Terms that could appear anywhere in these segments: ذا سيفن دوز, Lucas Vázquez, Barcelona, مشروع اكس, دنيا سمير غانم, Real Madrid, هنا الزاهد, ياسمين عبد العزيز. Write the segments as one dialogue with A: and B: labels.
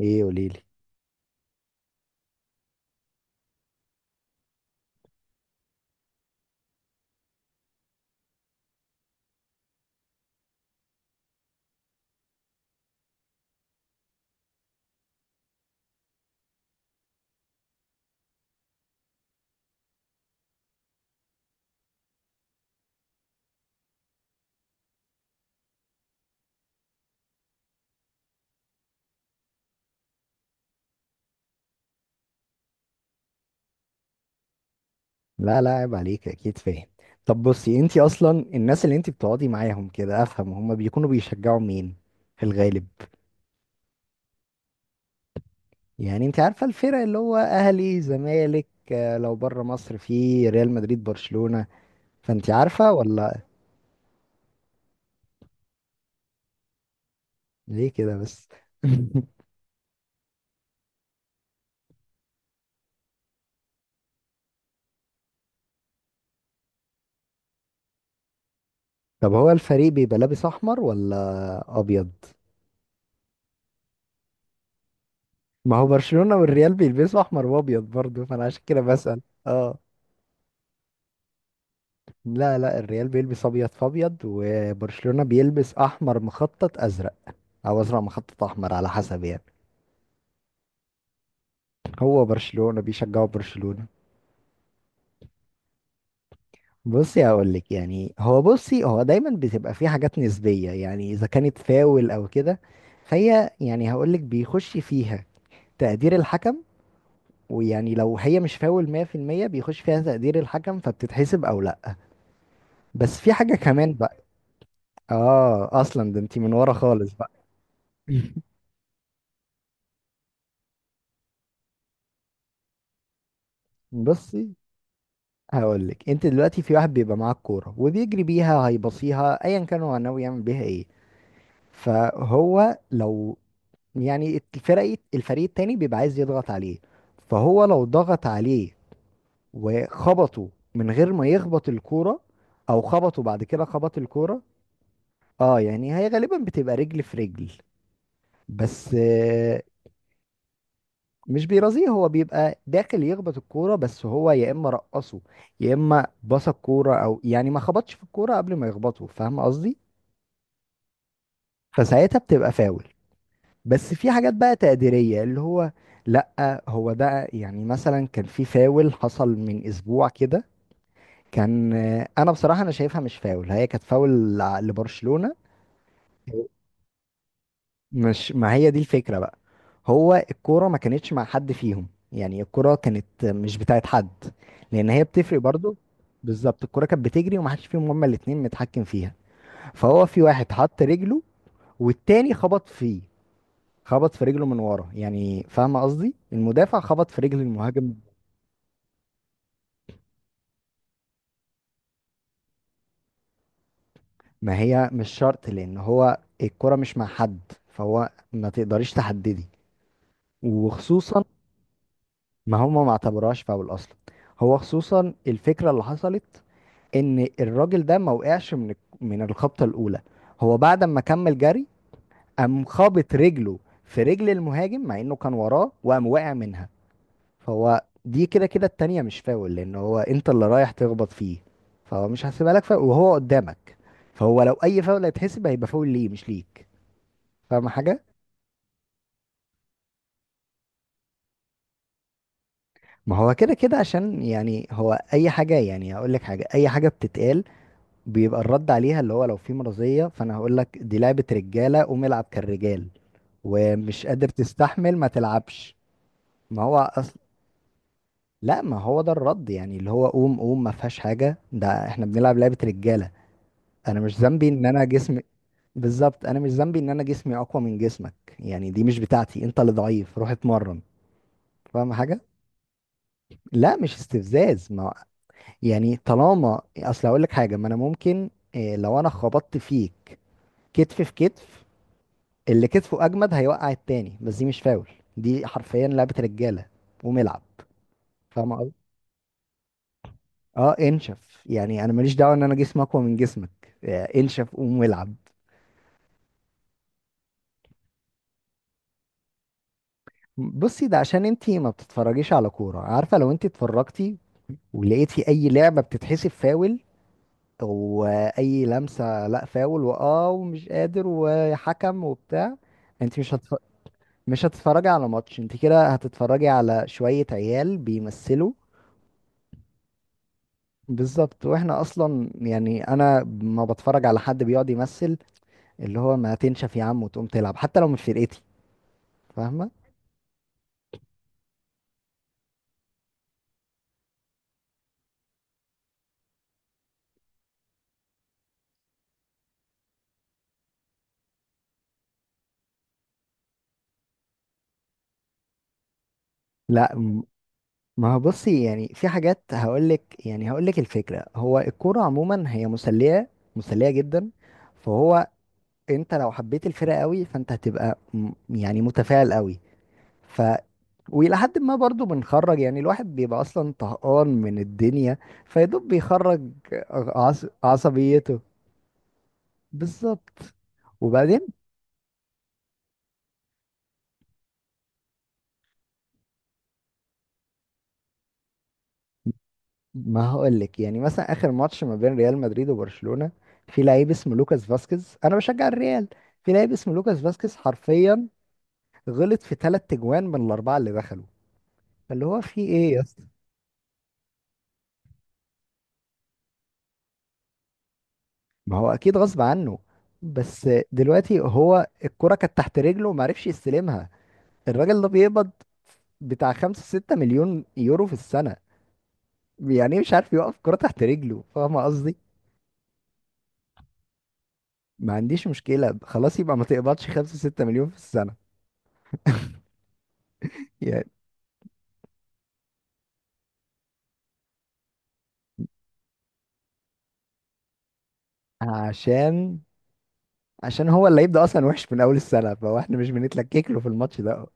A: ايه قوليلي. لا لا، عيب عليك، اكيد فاهم. طب بصي، انتي اصلا الناس اللي انتي بتقعدي معاهم كده، افهم هما بيكونوا بيشجعوا مين في الغالب؟ يعني انتي عارفة الفرق اللي هو اهلي زمالك، آه، لو بره مصر في ريال مدريد برشلونة. فانتي عارفة ولا؟ ليه كده بس؟ طب هو الفريق بيبقى لابس احمر ولا ابيض؟ ما هو برشلونة والريال بيلبسوا احمر وابيض برضه، فانا عشان كده بسأل. اه. لا لا، الريال بيلبس ابيض في ابيض، وبرشلونة بيلبس احمر مخطط ازرق، او ازرق مخطط احمر على حسب يعني. هو برشلونة، بيشجعوا برشلونة. بصي، هقول لك يعني، هو بصي، هو دايما بتبقى في حاجات نسبية، يعني اذا كانت فاول او كده، فهي يعني هقول لك بيخش فيها تقدير الحكم. ويعني لو هي مش فاول 100%، بيخش فيها تقدير الحكم فبتتحسب او لا. بس في حاجة كمان بقى. اه اصلا ده انت من ورا خالص بقى. بصي هقول لك، انت دلوقتي في واحد بيبقى معاه الكوره وبيجري بيها، هيبصيها ايا كان هو ناوي يعمل بيها ايه. فهو لو يعني الفريق التاني بيبقى عايز يضغط عليه، فهو لو ضغط عليه وخبطه من غير ما يخبط الكوره، او خبطه بعد كده خبط الكوره. اه، يعني هي غالبا بتبقى رجل في رجل بس. مش بيرازيه، هو بيبقى داخل يخبط الكورة، بس هو يا إما رقصه، يا إما بص الكورة، أو يعني ما خبطش في الكورة قبل ما يخبطه. فاهم قصدي؟ فساعتها بتبقى فاول. بس في حاجات بقى تقديرية اللي هو. لأ هو ده، يعني مثلا كان في فاول حصل من أسبوع كده، كان آه، أنا بصراحة أنا شايفها مش فاول، هي كانت فاول لبرشلونة. مش، ما هي دي الفكرة بقى. هو الكورة ما كانتش مع حد فيهم، يعني الكورة كانت مش بتاعت حد، لأن هي بتفرق برضو. بالظبط، الكورة كانت بتجري ومحدش فيهم هما الاتنين متحكم فيها. فهو في واحد حط رجله، والتاني خبط فيه، خبط في رجله من ورا، يعني فاهم قصدي، المدافع خبط في رجل المهاجم. ما هي مش شرط، لأن هو الكورة مش مع حد، فهو ما تقدريش تحددي. وخصوصا، ما هما ما اعتبروهاش فاول أصلا. هو خصوصا الفكرة اللي حصلت ان الراجل ده ما وقعش من الخبطه الاولى، هو بعد ما كمل جري قام خابط رجله في رجل المهاجم، مع انه كان وراه وقام واقع منها. فهو دي كده كده التانية مش فاول، لان هو انت اللي رايح تخبط فيه، فهو مش هحسبها لك فاول وهو قدامك. فهو لو اي فاول هيتحسب هيبقى فاول ليه مش ليك. فاهم حاجه؟ ما هو كده كده، عشان يعني هو اي حاجه، يعني هقول لك حاجه، اي حاجه بتتقال بيبقى الرد عليها اللي هو لو في مرضية، فانا هقول لك دي لعبة رجالة قوم العب كالرجال، ومش قادر تستحمل ما تلعبش. ما هو أصل. لا، ما هو ده الرد، يعني اللي هو قوم قوم، ما فيهاش حاجة، ده احنا بنلعب لعبة رجالة. انا مش ذنبي ان انا جسمي. بالظبط، انا مش ذنبي ان انا جسمي اقوى من جسمك، يعني دي مش بتاعتي، انت اللي ضعيف روح اتمرن. فاهم حاجة؟ لا مش استفزاز ما. يعني طالما اصل هقول لك حاجة، ما انا ممكن إيه، لو انا خبطت فيك كتف في كتف، اللي كتفه اجمد هيوقع التاني، بس دي مش فاول، دي حرفيا لعبة رجالة، قوم العب. فاهم قصدي؟ اه، انشف يعني، انا ماليش دعوة ان انا جسمي اقوى من جسمك، آه، انشف قوم العب. بصي، ده عشان انتي ما بتتفرجيش على كورة، عارفة لو انتي اتفرجتي ولقيتي اي لعبة بتتحسب فاول، واي لمسة لا فاول، واه ومش قادر، وحكم وبتاع، انتي مش هتتفرجي على ماتش، انتي كده هتتفرجي على شوية عيال بيمثلوا. بالظبط، واحنا اصلا يعني انا ما بتفرج على حد بيقعد يمثل، اللي هو ما تنشف يا عم وتقوم تلعب حتى لو مش فرقتي. فاهمه؟ لا م- ما هو بصي، يعني في حاجات هقولك، يعني هقولك الفكره، هو الكوره عموما هي مسليه، مسليه جدا. فهو انت لو حبيت الفرقه قوي فانت يعني متفاعل قوي. ف والى حد ما برضو بنخرج، يعني الواحد بيبقى اصلا طهقان من الدنيا فيدوب بيخرج عصبيته. بالظبط. وبعدين، ما هقولك يعني مثلا اخر ماتش ما بين ريال مدريد وبرشلونة، في لعيب اسمه لوكاس فاسكيز، انا بشجع الريال، في لعيب اسمه لوكاس فاسكيز حرفيا غلط في ثلاث تجوان من الاربعه اللي دخلوا. فاللي هو في ايه يا اسطى. ما هو اكيد غصب عنه، بس دلوقتي هو الكرة كانت تحت رجله وما عرفش يستلمها. الراجل ده بيقبض بتاع 5 6 مليون يورو في السنة، يعني إيه مش عارف يوقف كرة تحت رجله؟ فاهم قصدي؟ ما عنديش مشكلة، خلاص يبقى ما تقبضش 5 6 مليون في السنة يعني. عشان، عشان هو اللي يبدأ أصلا وحش من أول السنة، فهو احنا مش بنتلكك له في الماتش ده.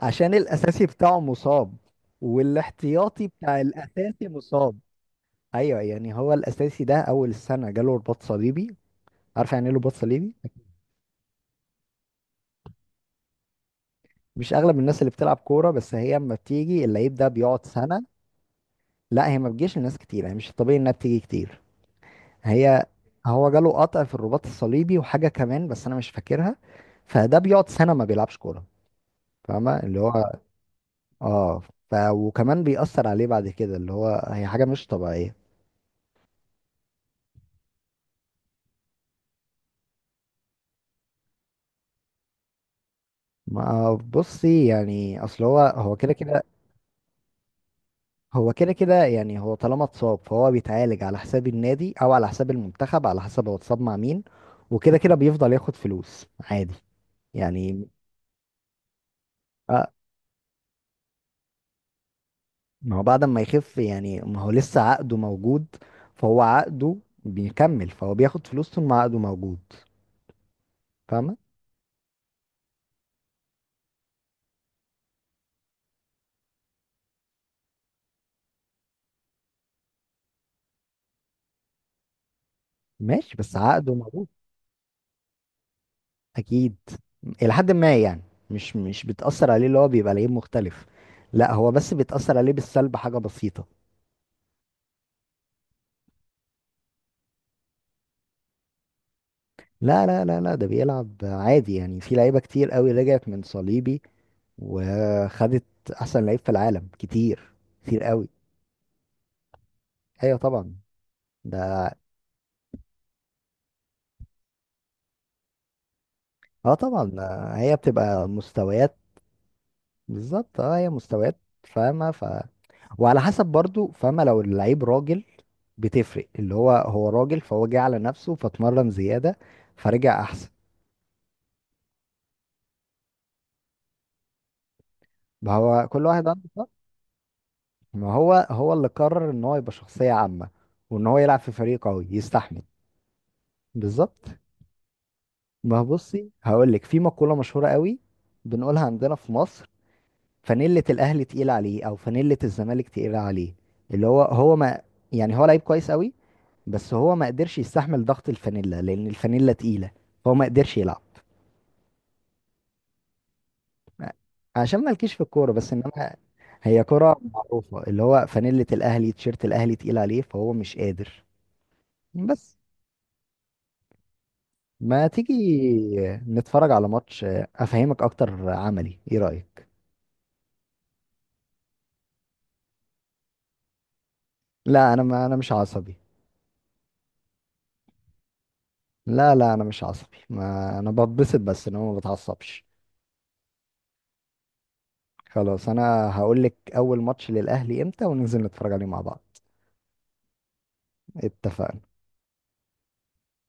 A: عشان الأساسي بتاعه مصاب، والاحتياطي بتاع الأساسي مصاب. أيوه، يعني هو الأساسي ده أول السنة جاله رباط صليبي. عارف يعني ايه رباط صليبي؟ مش أغلب الناس اللي بتلعب كورة، بس هي أما بتيجي اللعيب ده بيقعد سنة. لا هي ما بتجيش لناس كتير، يعني مش الطبيعي إنها بتيجي كتير. هي، هو جاله قطع في الرباط الصليبي وحاجة كمان بس أنا مش فاكرها. فده بيقعد سنة ما بيلعبش كورة. فاهمة اللي هو، اه، ف وكمان بيأثر عليه بعد كده، اللي هو هي حاجة مش طبيعية. ما بصي، يعني أصل هو، هو كده كده، هو كده كده يعني، هو طالما اتصاب فهو بيتعالج على حساب النادي أو على حساب المنتخب، على حسب هو اتصاب مع مين. وكده كده بيفضل ياخد فلوس عادي يعني. آه، ما هو بعد ما يخف يعني، ما هو لسه عقده موجود، فهو عقده بيكمل، فهو بياخد فلوس طول ما عقده موجود. فاهمة؟ ماشي، بس عقده موجود. أكيد، إلى حد ما يعني، مش بتأثر عليه اللي هو بيبقى لعيب مختلف، لا هو بس بيتأثر عليه بالسلب حاجة بسيطة. لا لا لا لا، ده بيلعب عادي، يعني في لعيبة كتير قوي رجعت من صليبي وخدت أحسن لعيب في العالم كتير، كتير قوي. أيوة طبعا، ده اه طبعا، ده هي بتبقى مستويات. بالظبط، اه هي مستويات. فاهمة، ف وعلى حسب برضو، فاهمة لو اللعيب راجل بتفرق، اللي هو هو راجل فهو جه على نفسه فاتمرن زيادة فرجع أحسن. ما هو كل واحد عنده فرق. ما هو هو اللي قرر إن هو يبقى شخصية عامة، وإن هو يلعب في فريق قوي يستحمل. بالظبط. ما هو بصي هقولك، في مقولة مشهورة قوي بنقولها عندنا في مصر: فانيلة الأهلي تقيلة عليه، أو فانيلة الزمالك تقيلة عليه. اللي هو هو، ما يعني هو لعيب كويس قوي، بس هو ما قدرش يستحمل ضغط الفانيلا لان الفانيلا تقيلة، فهو ما قدرش يلعب. عشان مالكيش في الكورة، بس انما هي كرة معروفة، اللي هو فانيلة الاهلي، تيشيرت الاهلي تقيل عليه فهو مش قادر. بس ما تيجي نتفرج على ماتش افهمك اكتر عملي، ايه رأيك؟ لا انا، ما انا مش عصبي. لا لا انا مش عصبي، ما انا بتبسط بس ان هو ما بتعصبش. خلاص، انا هقول لك اول ماتش للاهلي امتى وننزل نتفرج عليه مع بعض. اتفقنا.